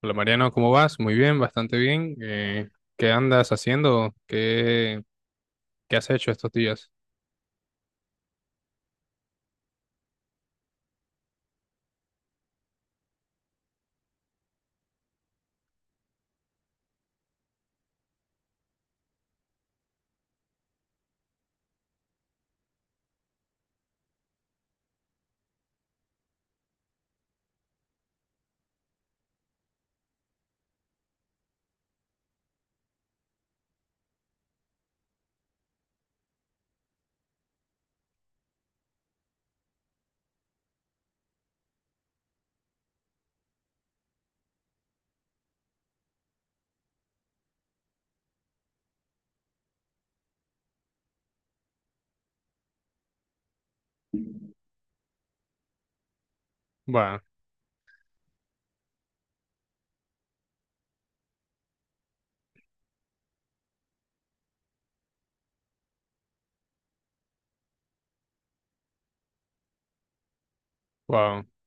Hola Mariano, ¿cómo vas? Muy bien, bastante bien. ¿Qué andas haciendo? ¿Qué has hecho estos días? Wow, wow. O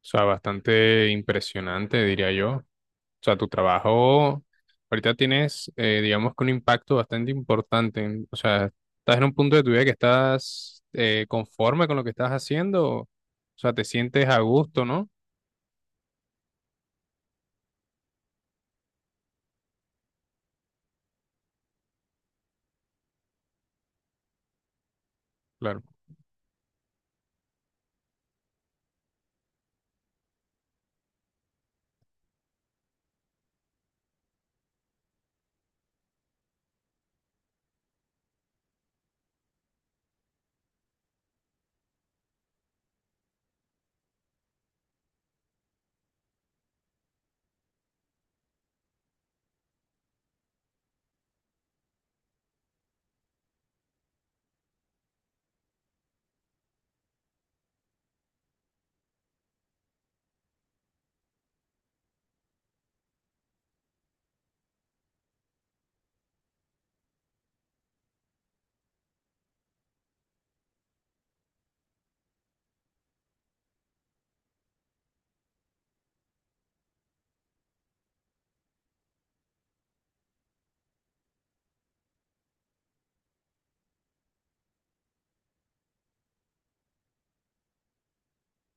sea, bastante impresionante, diría yo. O sea, tu trabajo ahorita tienes, digamos que un impacto bastante importante. O sea, ¿estás en un punto de tu vida que estás conforme con lo que estás haciendo? O sea, te sientes a gusto, ¿no? Claro,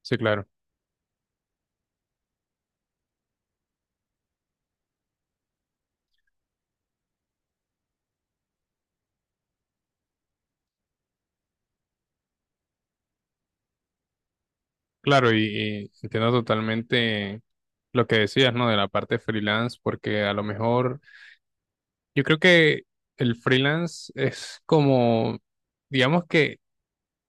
sí, claro. Claro, y entiendo totalmente lo que decías, ¿no? De la parte freelance, porque a lo mejor yo creo que el freelance es como, digamos que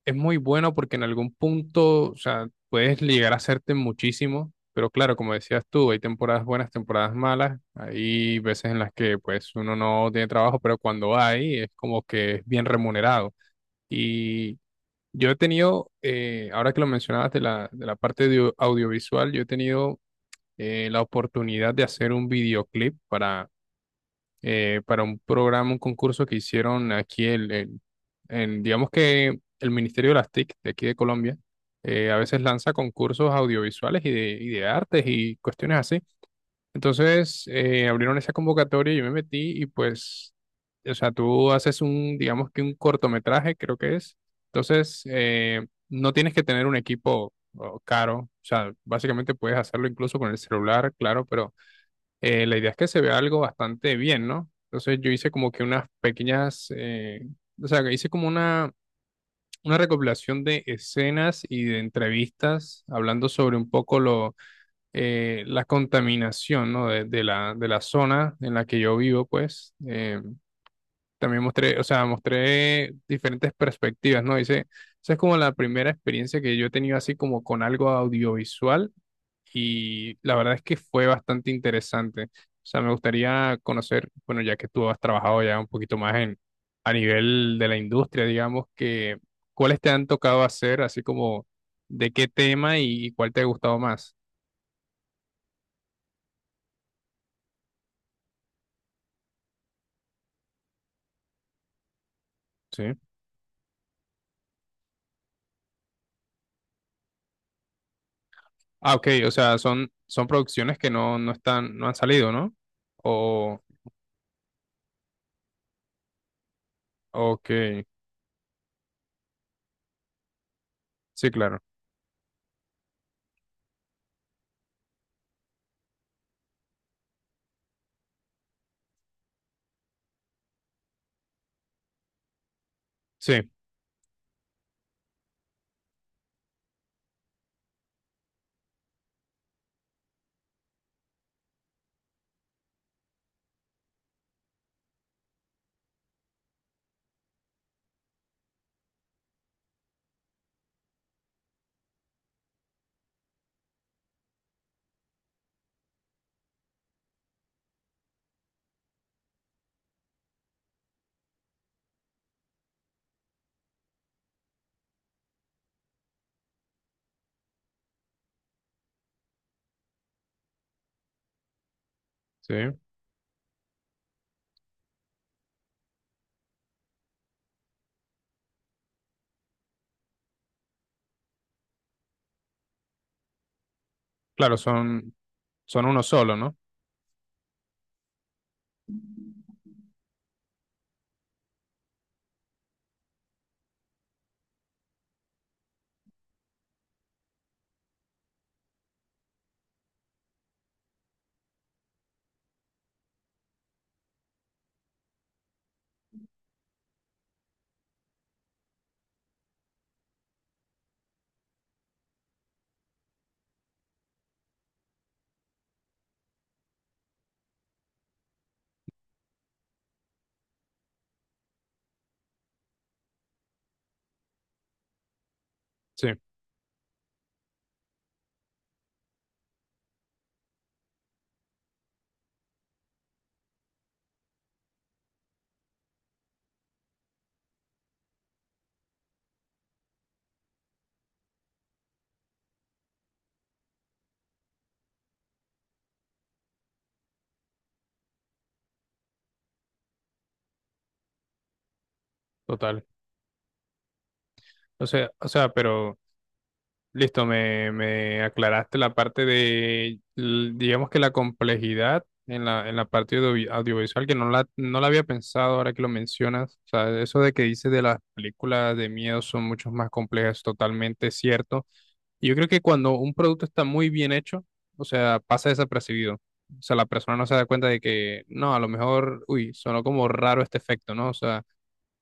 es muy bueno porque en algún punto, o sea, puedes llegar a hacerte muchísimo, pero claro, como decías tú, hay temporadas buenas, temporadas malas, hay veces en las que pues uno no tiene trabajo, pero cuando hay es como que es bien remunerado. Yo he tenido, ahora que lo mencionabas de la parte de audiovisual, yo he tenido la oportunidad de hacer un videoclip para un programa, un concurso que hicieron aquí, en, digamos que el Ministerio de las TIC de aquí de Colombia, a veces lanza concursos audiovisuales y de artes y cuestiones así. Entonces, abrieron esa convocatoria, yo me metí y pues, o sea, tú haces un, digamos que un cortometraje, creo que es. Entonces, no tienes que tener un equipo oh, caro, o sea, básicamente puedes hacerlo incluso con el celular, claro, pero la idea es que se vea algo bastante bien, ¿no? Entonces, yo hice como que unas pequeñas, o sea, una recopilación de escenas y de entrevistas hablando sobre un poco lo la contaminación, ¿no? De la zona en la que yo vivo, pues, también mostré, o sea, mostré diferentes perspectivas, ¿no? Dice, esa es como la primera experiencia que yo he tenido así como con algo audiovisual y la verdad es que fue bastante interesante. O sea, me gustaría conocer, bueno, ya que tú has trabajado ya un poquito más en, a nivel de la industria, digamos, que, ¿cuáles te han tocado hacer, así como de qué tema y cuál te ha gustado más? Sí. Ah, ok, o sea, son, son producciones que no, no están, no han salido, ¿no? O, ok, sí, claro, sí, sí, claro, son, son uno solo, ¿no? Sí, total. O sea, pero listo, me aclaraste la parte de, digamos que la complejidad en la parte audiovisual, que no la, no la había pensado ahora que lo mencionas. O sea, eso de que dices de las películas de miedo son mucho más complejas, totalmente cierto. Yo creo que cuando un producto está muy bien hecho, o sea, pasa desapercibido. O sea, la persona no se da cuenta de que, no, a lo mejor, uy, sonó como raro este efecto, ¿no? O sea,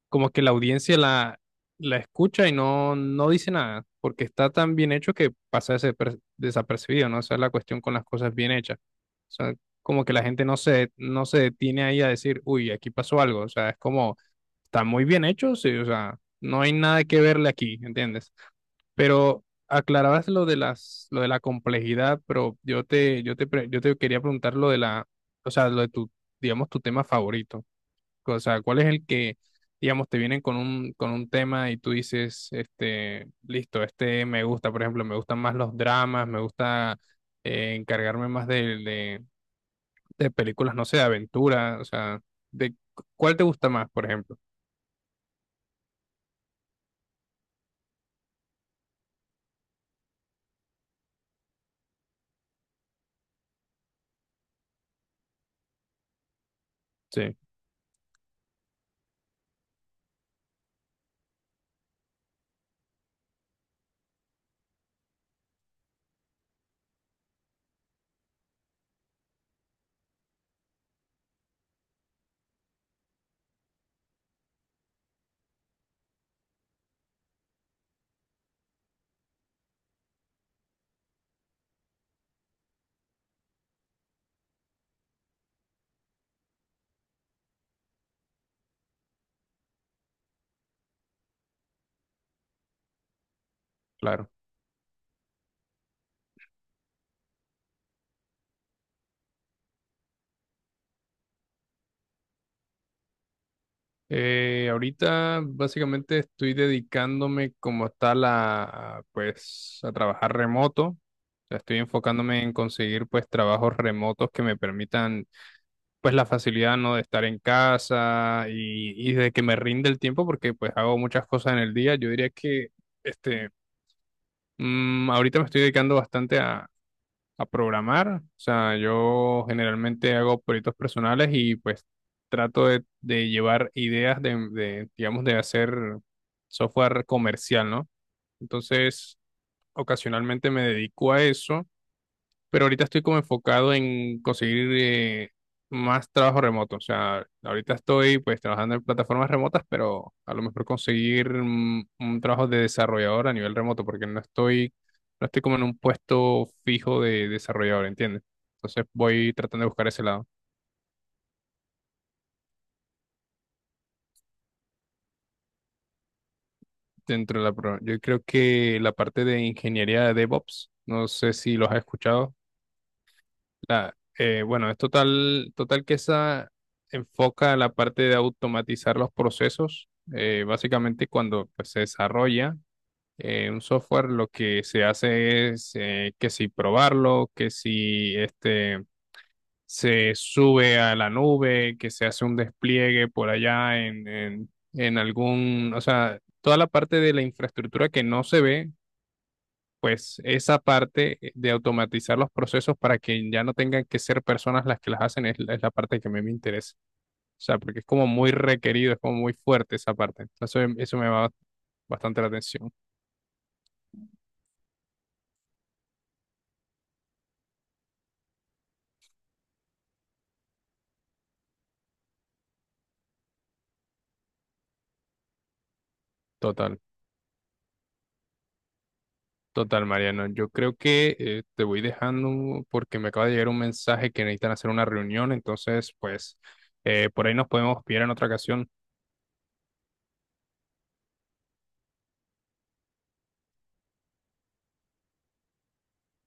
como que la escucha y no, no dice nada, porque está tan bien hecho que pasa desapercibido, ¿no? Esa es la cuestión con las cosas bien hechas. O sea, como que la gente no se, no se detiene ahí a decir, uy, aquí pasó algo. O sea, es como están muy bien hechos, sí, o sea, no hay nada que verle aquí, ¿entiendes? Pero aclarabas lo de la complejidad, pero yo te quería preguntar lo de la, o sea, lo de tu, digamos, tu tema favorito. O sea, ¿cuál es el que, digamos, te vienen con un tema y tú dices, este, listo, este me gusta, por ejemplo, me gustan más los dramas, me gusta encargarme más de películas, no sé, de aventura, o sea, de, ¿cuál te gusta más, por ejemplo? Sí, claro. Ahorita básicamente estoy dedicándome como tal a, pues, a trabajar remoto. O sea, estoy enfocándome en conseguir pues trabajos remotos que me permitan pues la facilidad, ¿no? de estar en casa y de que me rinde el tiempo porque pues hago muchas cosas en el día. Yo diría que este, mm, ahorita me estoy dedicando bastante a programar. O sea, yo generalmente hago proyectos personales y pues trato de llevar ideas de, digamos, de hacer software comercial, ¿no? Entonces, ocasionalmente me dedico a eso pero ahorita estoy como enfocado en conseguir más trabajo remoto. O sea, ahorita estoy pues trabajando en plataformas remotas, pero a lo mejor conseguir mm, un trabajo de desarrollador a nivel remoto, porque no estoy, no estoy como en un puesto fijo de desarrollador, ¿entiendes? Entonces voy tratando de buscar ese lado dentro de la... Yo creo que la parte de ingeniería de DevOps, no sé si los has escuchado. Bueno, es total, total que esa enfoca la parte de automatizar los procesos. Básicamente cuando pues, se desarrolla un software, lo que se hace es que si probarlo, que si este, se sube a la nube, que se hace un despliegue por allá en algún, o sea, toda la parte de la infraestructura que no se ve pues esa parte de automatizar los procesos para que ya no tengan que ser personas las que las hacen es la parte que a mí me interesa. O sea, porque es como muy requerido, es como muy fuerte esa parte. Entonces, eso me va bastante la atención. Total, total, Mariano. Yo creo que te voy dejando porque me acaba de llegar un mensaje que necesitan hacer una reunión. Entonces, pues, por ahí nos podemos pillar en otra ocasión.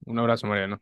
Un abrazo, Mariano.